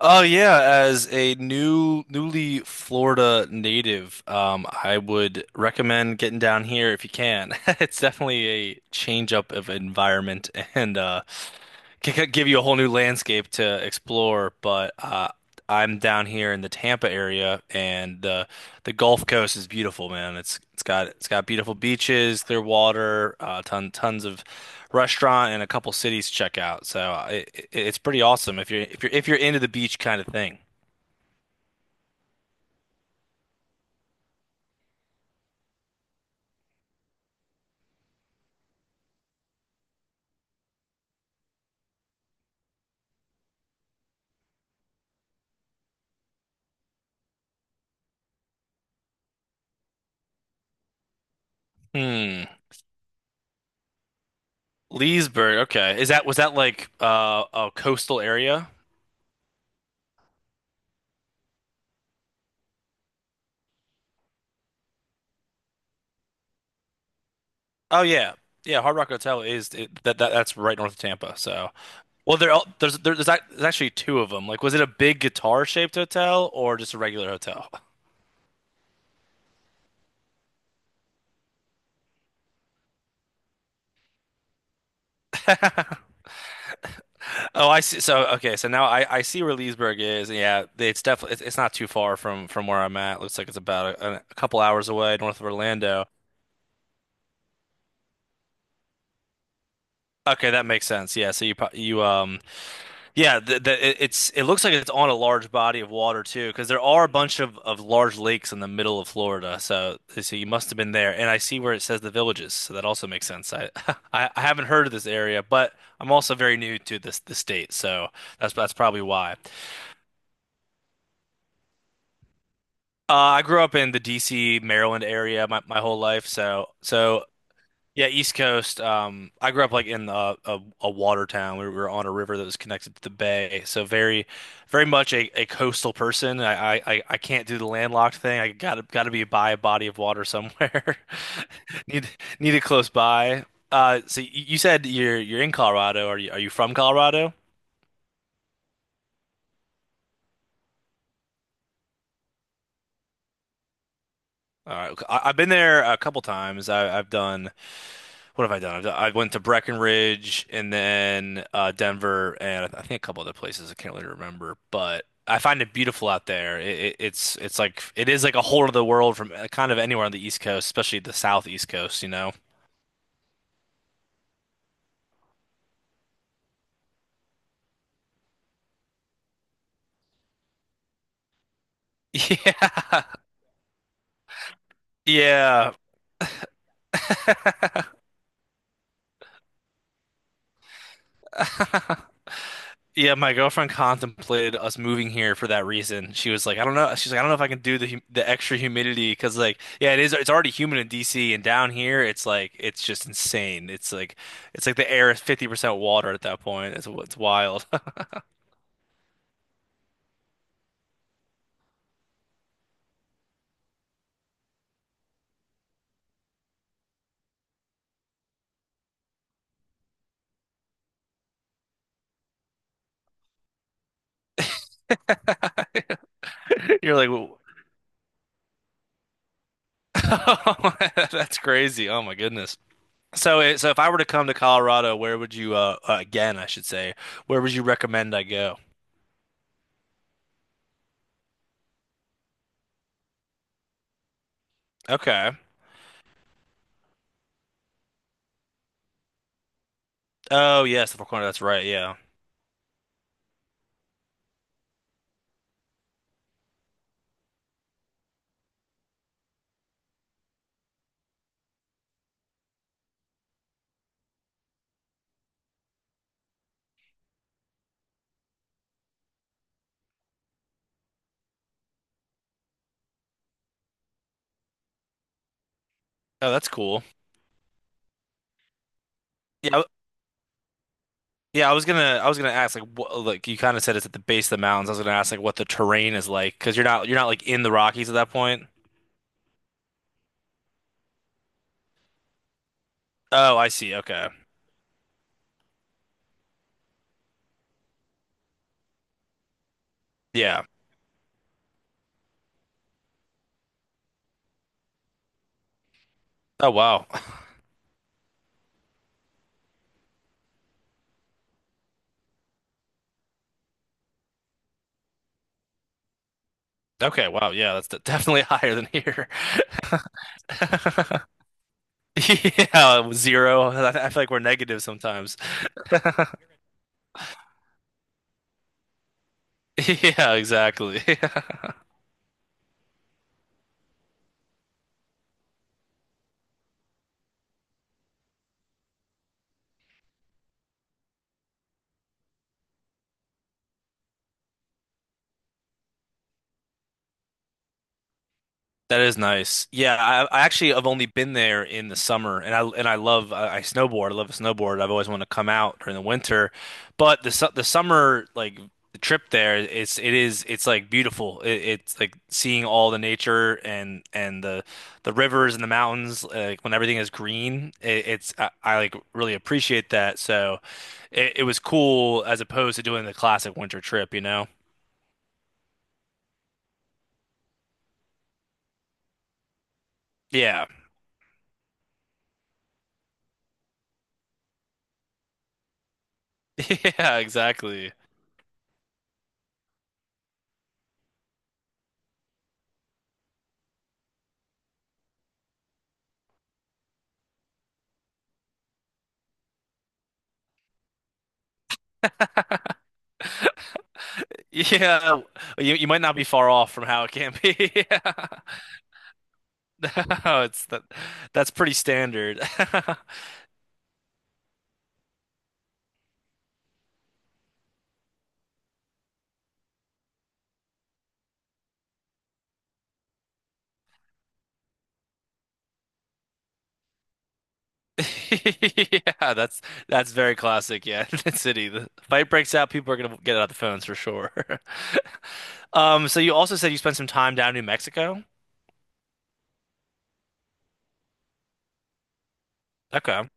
Oh yeah, as a newly Florida native, I would recommend getting down here if you can. It's definitely a change up of environment and could give you a whole new landscape to explore, but I'm down here in the Tampa area, and the Gulf Coast is beautiful, man. It's got beautiful beaches, clear water, tons of restaurant, and a couple cities to check out. So it's pretty awesome if you're into the beach kind of thing. Hmm. Leesburg. Okay. Is that was that like a coastal area? Oh yeah, yeah. Hard Rock Hotel is it, that, that that's right north of Tampa. So. Well, there al- there's there, there's ac- there's actually two of them. Like, was it a big guitar-shaped hotel or just a regular hotel? Oh, I see. So okay, so now I see where Leesburg is. Yeah, it's definitely it's not too far from where I'm at. Looks like it's about a couple hours away north of Orlando. Okay, that makes sense. Yeah, so you Yeah, it it looks like it's on a large body of water too, because there are a bunch of large lakes in the middle of Florida. So, you must have been there. And I see where it says the villages, so that also makes sense. I I haven't heard of this area, but I'm also very new to this the state, so that's probably why. I grew up in the D.C., Maryland area my whole life, so so Yeah, East Coast. I grew up like in a water town. We were on a river that was connected to the bay, so very, very much a coastal person. I can't do the landlocked thing. I gotta gotta be by a body of water somewhere. Need need it close by. So you said you're in Colorado. Are you from Colorado? All right. Okay. I've been there a couple times. I've done. What have I done? I went to Breckenridge and then Denver and I think a couple other places. I can't really remember, but I find it beautiful out there. It's like it is like a whole other world from kind of anywhere on the East Coast, especially the Southeast Coast, you know? Yeah, yeah. Yeah, my girlfriend contemplated us moving here for that reason. She was like, I don't know. She's like, I don't know if I can do the extra humidity because, like, yeah, it is. It's already humid in DC, and down here, it's just insane. It's like the air is 50% water at that point. It's wild. You're like, "Whoa." That's crazy. Oh my goodness. So, so if I were to come to Colorado, where would you again, I should say, where would you recommend I go? Okay. Oh yes, the Four Corners. That's right. Yeah. Oh, that's cool. Yeah, yeah, I was gonna ask like what like you kind of said it's at the base of the mountains. I was gonna ask like what the terrain is like because you're not like in the Rockies at that point. Oh, I see. Okay. Yeah. Oh wow. Okay. Wow. Yeah, that's definitely higher than here. Yeah, zero. I feel like we're negative sometimes. Yeah, exactly. That is nice. Yeah, I actually have only been there in the summer, and I love I snowboard. I love to snowboard. I've always wanted to come out during the winter, but the summer like the trip there, it's like beautiful. It's like seeing all the nature and the rivers and the mountains. Like when everything is green, it's I like really appreciate that. So it was cool as opposed to doing the classic winter trip, you know? Yeah, yeah, exactly. Yeah, you might not be far off from how it can be. Yeah. No, it's that that's pretty standard. Yeah, that's very classic. Yeah, the city, the fight breaks out. People are gonna get out the phones for sure. So you also said you spent some time down in New Mexico. Okay.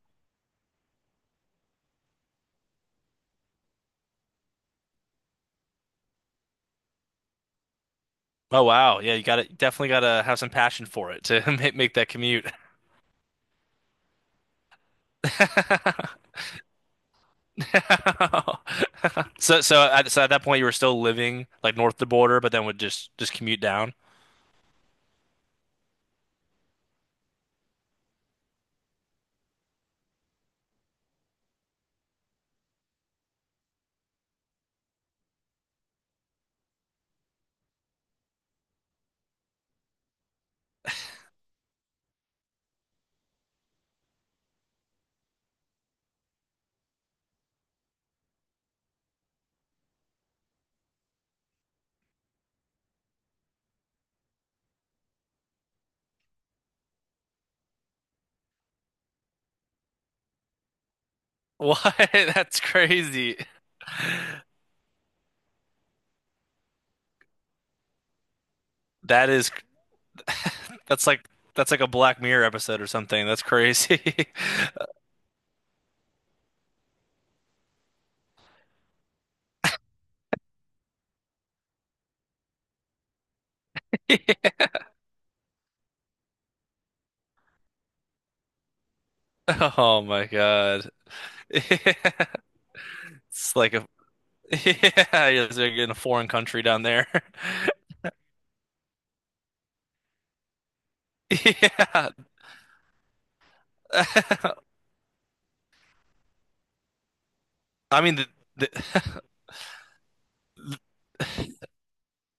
Oh wow. Yeah, you gotta definitely gotta have some passion for it to make that commute. So so at that point you were still living like north of the border, but then would just commute down. What? That's crazy. That is that's like that's like a Black Mirror episode or something. That's crazy. Oh my God. It's like a yeah, you're just like in a foreign country down there. Yeah. I mean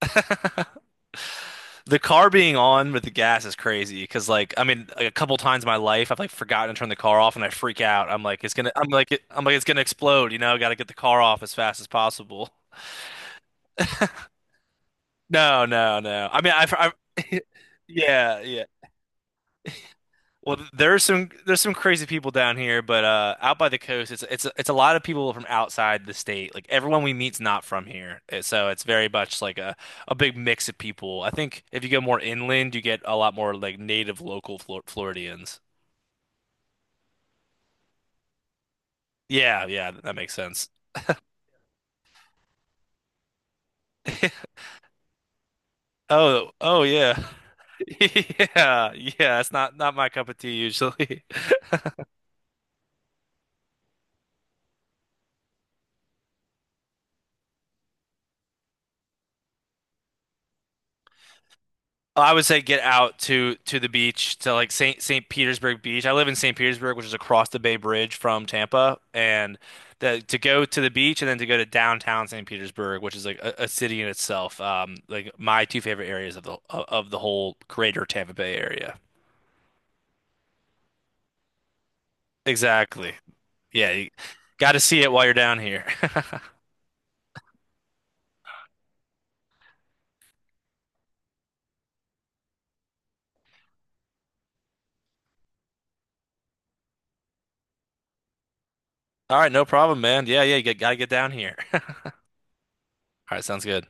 the The car being on with the gas is crazy because, like, I mean, like, a couple times in my life, I've like forgotten to turn the car off and I freak out. I'm like, I'm like, I'm like, it's gonna explode. You know, got to get the car off as fast as possible. No, no, no. I mean, I've yeah, yeah. Well, there's some crazy people down here, but out by the coast, it's a lot of people from outside the state. Like everyone we meet's not from here. So it's very much like a big mix of people. I think if you go more inland, you get a lot more like native local Floridians. Yeah, yeah, that makes sense. Oh, oh yeah. Yeah, yeah, it's not not my cup of tea usually. I would say get out to the beach to like Saint Petersburg Beach. I live in Saint Petersburg, which is across the Bay Bridge from Tampa, and to go to the beach and then to go to downtown Saint Petersburg, which is like a city in itself. Like my two favorite areas of the whole greater Tampa Bay area. Exactly. Yeah, you got to see it while you're down here. All right, no problem, man. Yeah, yeah, gotta get down here. All right, sounds good.